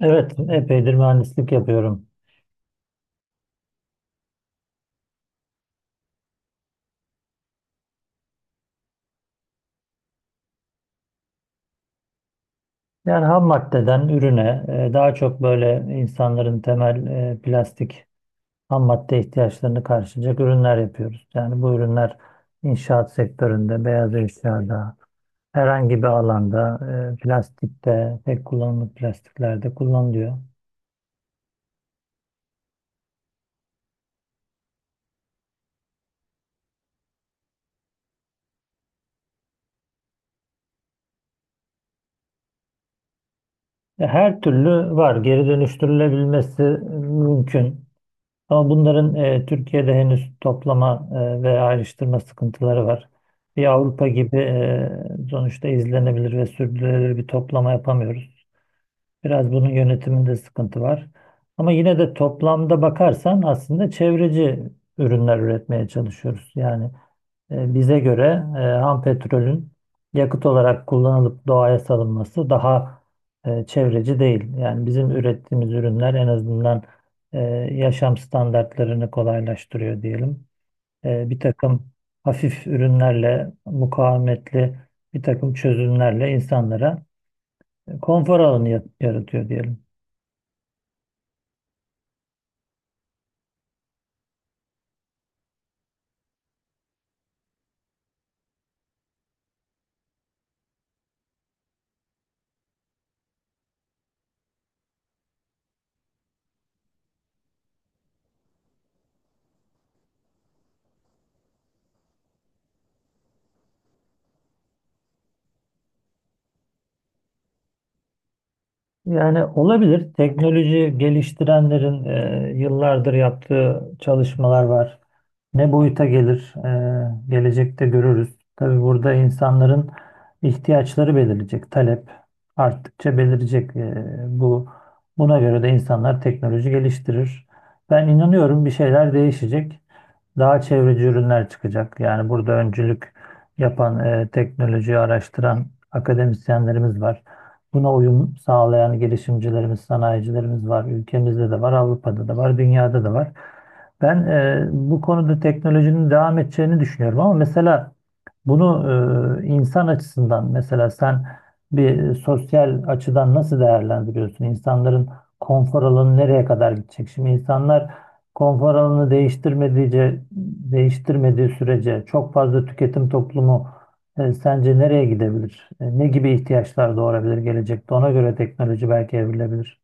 Evet, epeydir mühendislik yapıyorum. Yani ham maddeden ürüne daha çok böyle insanların temel plastik ham madde ihtiyaçlarını karşılayacak ürünler yapıyoruz. Yani bu ürünler inşaat sektöründe, beyaz eşyada, herhangi bir alanda, plastikte, tek kullanımlık plastiklerde kullanılıyor. Her türlü var, geri dönüştürülebilmesi mümkün. Ama bunların Türkiye'de henüz toplama ve ayrıştırma sıkıntıları var. Bir Avrupa gibi sonuçta izlenebilir ve sürdürülebilir bir toplama yapamıyoruz. Biraz bunun yönetiminde sıkıntı var. Ama yine de toplamda bakarsan aslında çevreci ürünler üretmeye çalışıyoruz. Yani bize göre ham petrolün yakıt olarak kullanılıp doğaya salınması daha çevreci değil. Yani bizim ürettiğimiz ürünler en azından e, yaşam standartlarını kolaylaştırıyor diyelim. Bir takım hafif ürünlerle, mukavemetli bir takım çözümlerle insanlara konfor alanı yaratıyor diyelim. Yani olabilir. Teknoloji geliştirenlerin yıllardır yaptığı çalışmalar var. Ne boyuta gelir, gelecekte görürüz. Tabii burada insanların ihtiyaçları belirleyecek. Talep arttıkça belirleyecek. E, bu buna göre de insanlar teknoloji geliştirir. Ben inanıyorum bir şeyler değişecek. Daha çevreci ürünler çıkacak. Yani burada öncülük yapan, teknolojiyi araştıran akademisyenlerimiz var. Buna uyum sağlayan girişimcilerimiz, sanayicilerimiz var. Ülkemizde de var, Avrupa'da da var, dünyada da var. Ben bu konuda teknolojinin devam edeceğini düşünüyorum ama mesela bunu insan açısından mesela sen bir sosyal açıdan nasıl değerlendiriyorsun? İnsanların konfor alanı nereye kadar gidecek? Şimdi insanlar konfor alanını değiştirmediğince, değiştirmediği sürece çok fazla tüketim toplumu sence nereye gidebilir? Ne gibi ihtiyaçlar doğurabilir gelecekte? Ona göre teknoloji belki evrilebilir.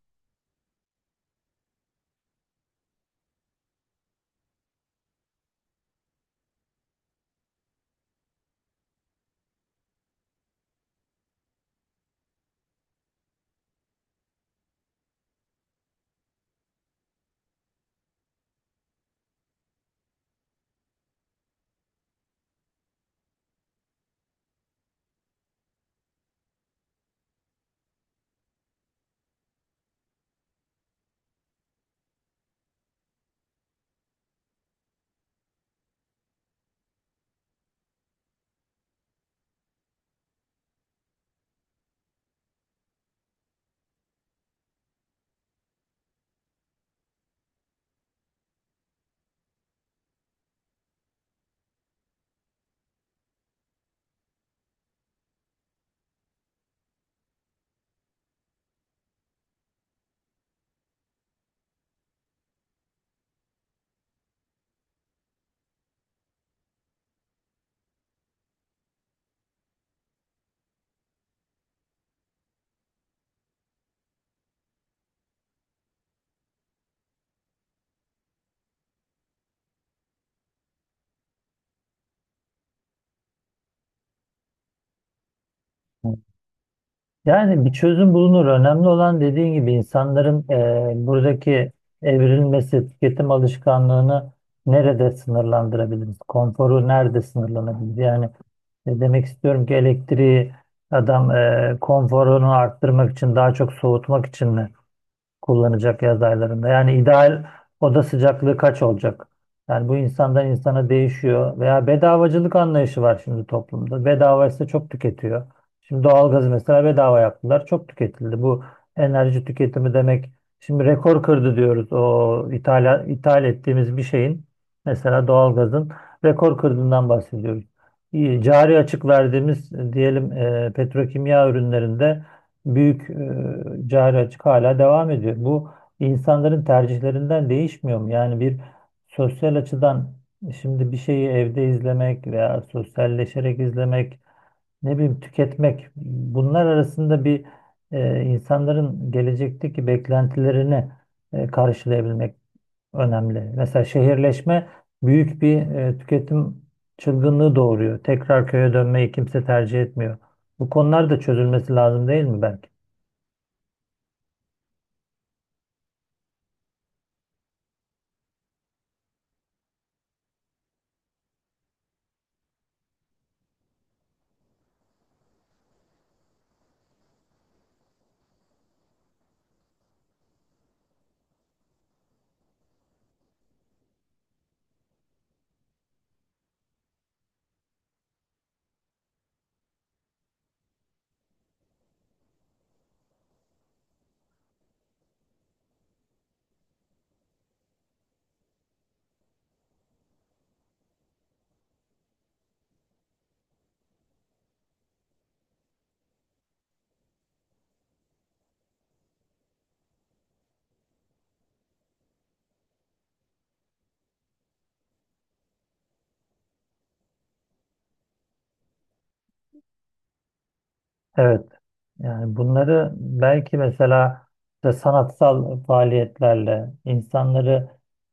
Yani bir çözüm bulunur. Önemli olan dediğin gibi insanların buradaki evrilmesi, tüketim alışkanlığını nerede sınırlandırabiliriz? Konforu nerede sınırlanabilir? Yani demek istiyorum ki elektriği adam konforunu arttırmak için, daha çok soğutmak için mi kullanacak yaz aylarında? Yani ideal oda sıcaklığı kaç olacak? Yani bu insandan insana değişiyor. Veya bedavacılık anlayışı var şimdi toplumda. Bedava ise çok tüketiyor. Şimdi doğalgazı mesela bedava yaptılar. Çok tüketildi. Bu enerji tüketimi demek. Şimdi rekor kırdı diyoruz. O ithal ettiğimiz bir şeyin mesela doğalgazın rekor kırdığından bahsediyoruz. İyi, cari açık verdiğimiz diyelim petrokimya ürünlerinde büyük cari açık hala devam ediyor. Bu insanların tercihlerinden değişmiyor mu? Yani bir sosyal açıdan şimdi bir şeyi evde izlemek veya sosyalleşerek izlemek, ne bileyim tüketmek bunlar arasında bir insanların gelecekteki beklentilerini karşılayabilmek önemli. Mesela şehirleşme büyük bir tüketim çılgınlığı doğuruyor. Tekrar köye dönmeyi kimse tercih etmiyor. Bu konular da çözülmesi lazım değil mi belki? Evet, yani bunları belki mesela işte sanatsal faaliyetlerle insanları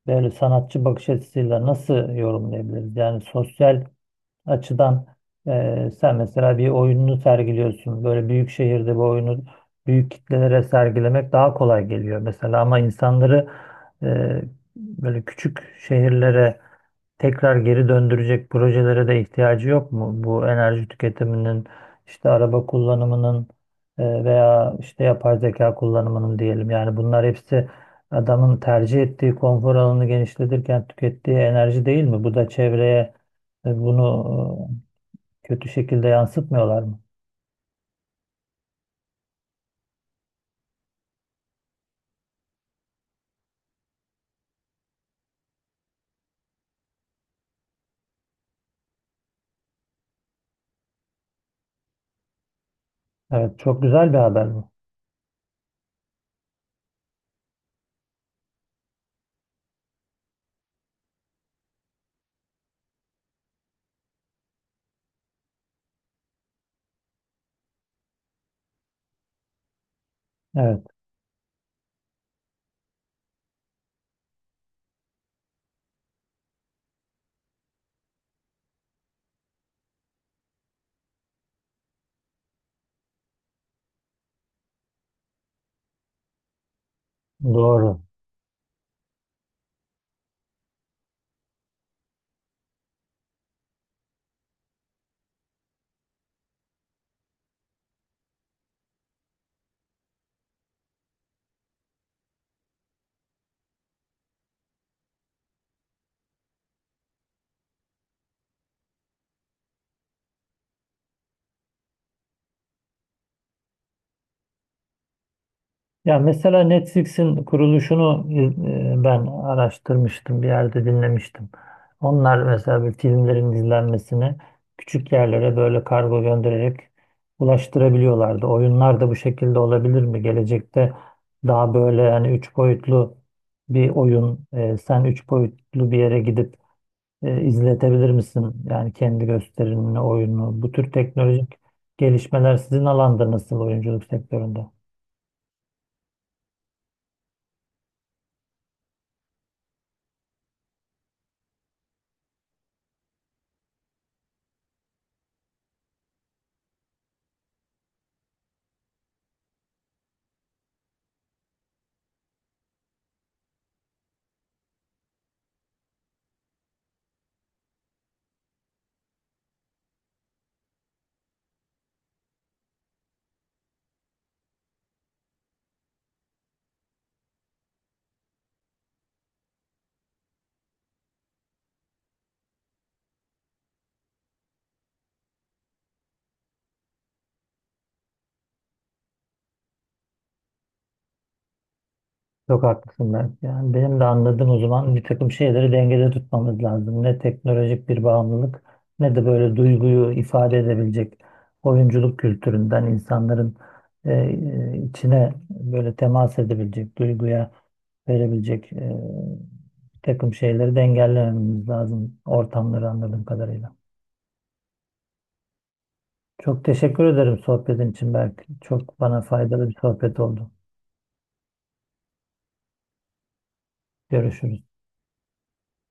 böyle sanatçı bakış açısıyla nasıl yorumlayabiliriz? Yani sosyal açıdan sen mesela bir oyununu sergiliyorsun. Böyle büyük şehirde bu oyunu büyük kitlelere sergilemek daha kolay geliyor mesela ama insanları e, böyle küçük şehirlere tekrar geri döndürecek projelere de ihtiyacı yok mu? Bu enerji tüketiminin, işte araba kullanımının veya işte yapay zeka kullanımının diyelim. Yani bunlar hepsi adamın tercih ettiği konfor alanını genişletirken tükettiği enerji değil mi? Bu da çevreye e, bunu kötü şekilde yansıtmıyorlar mı? Evet, çok güzel bir haber bu. Evet, doğru. Ya mesela Netflix'in kuruluşunu ben araştırmıştım, bir yerde dinlemiştim. Onlar mesela bir filmlerin izlenmesini küçük yerlere böyle kargo göndererek ulaştırabiliyorlardı. Oyunlar da bu şekilde olabilir mi? Gelecekte daha böyle yani üç boyutlu bir oyun, sen üç boyutlu bir yere gidip izletebilir misin? Yani kendi gösterimini, oyunu, bu tür teknolojik gelişmeler sizin alanda nasıl oyunculuk sektöründe? Çok haklısın ben. Yani benim de anladığım o zaman bir takım şeyleri dengede tutmamız lazım. Ne teknolojik bir bağımlılık ne de böyle duyguyu ifade edebilecek oyunculuk kültüründen insanların içine böyle temas edebilecek, duyguya verebilecek bir takım şeyleri de engellememiz lazım ortamları anladığım kadarıyla. Çok teşekkür ederim sohbetin için Berk. Çok bana faydalı bir sohbet oldu. Görüşürüz.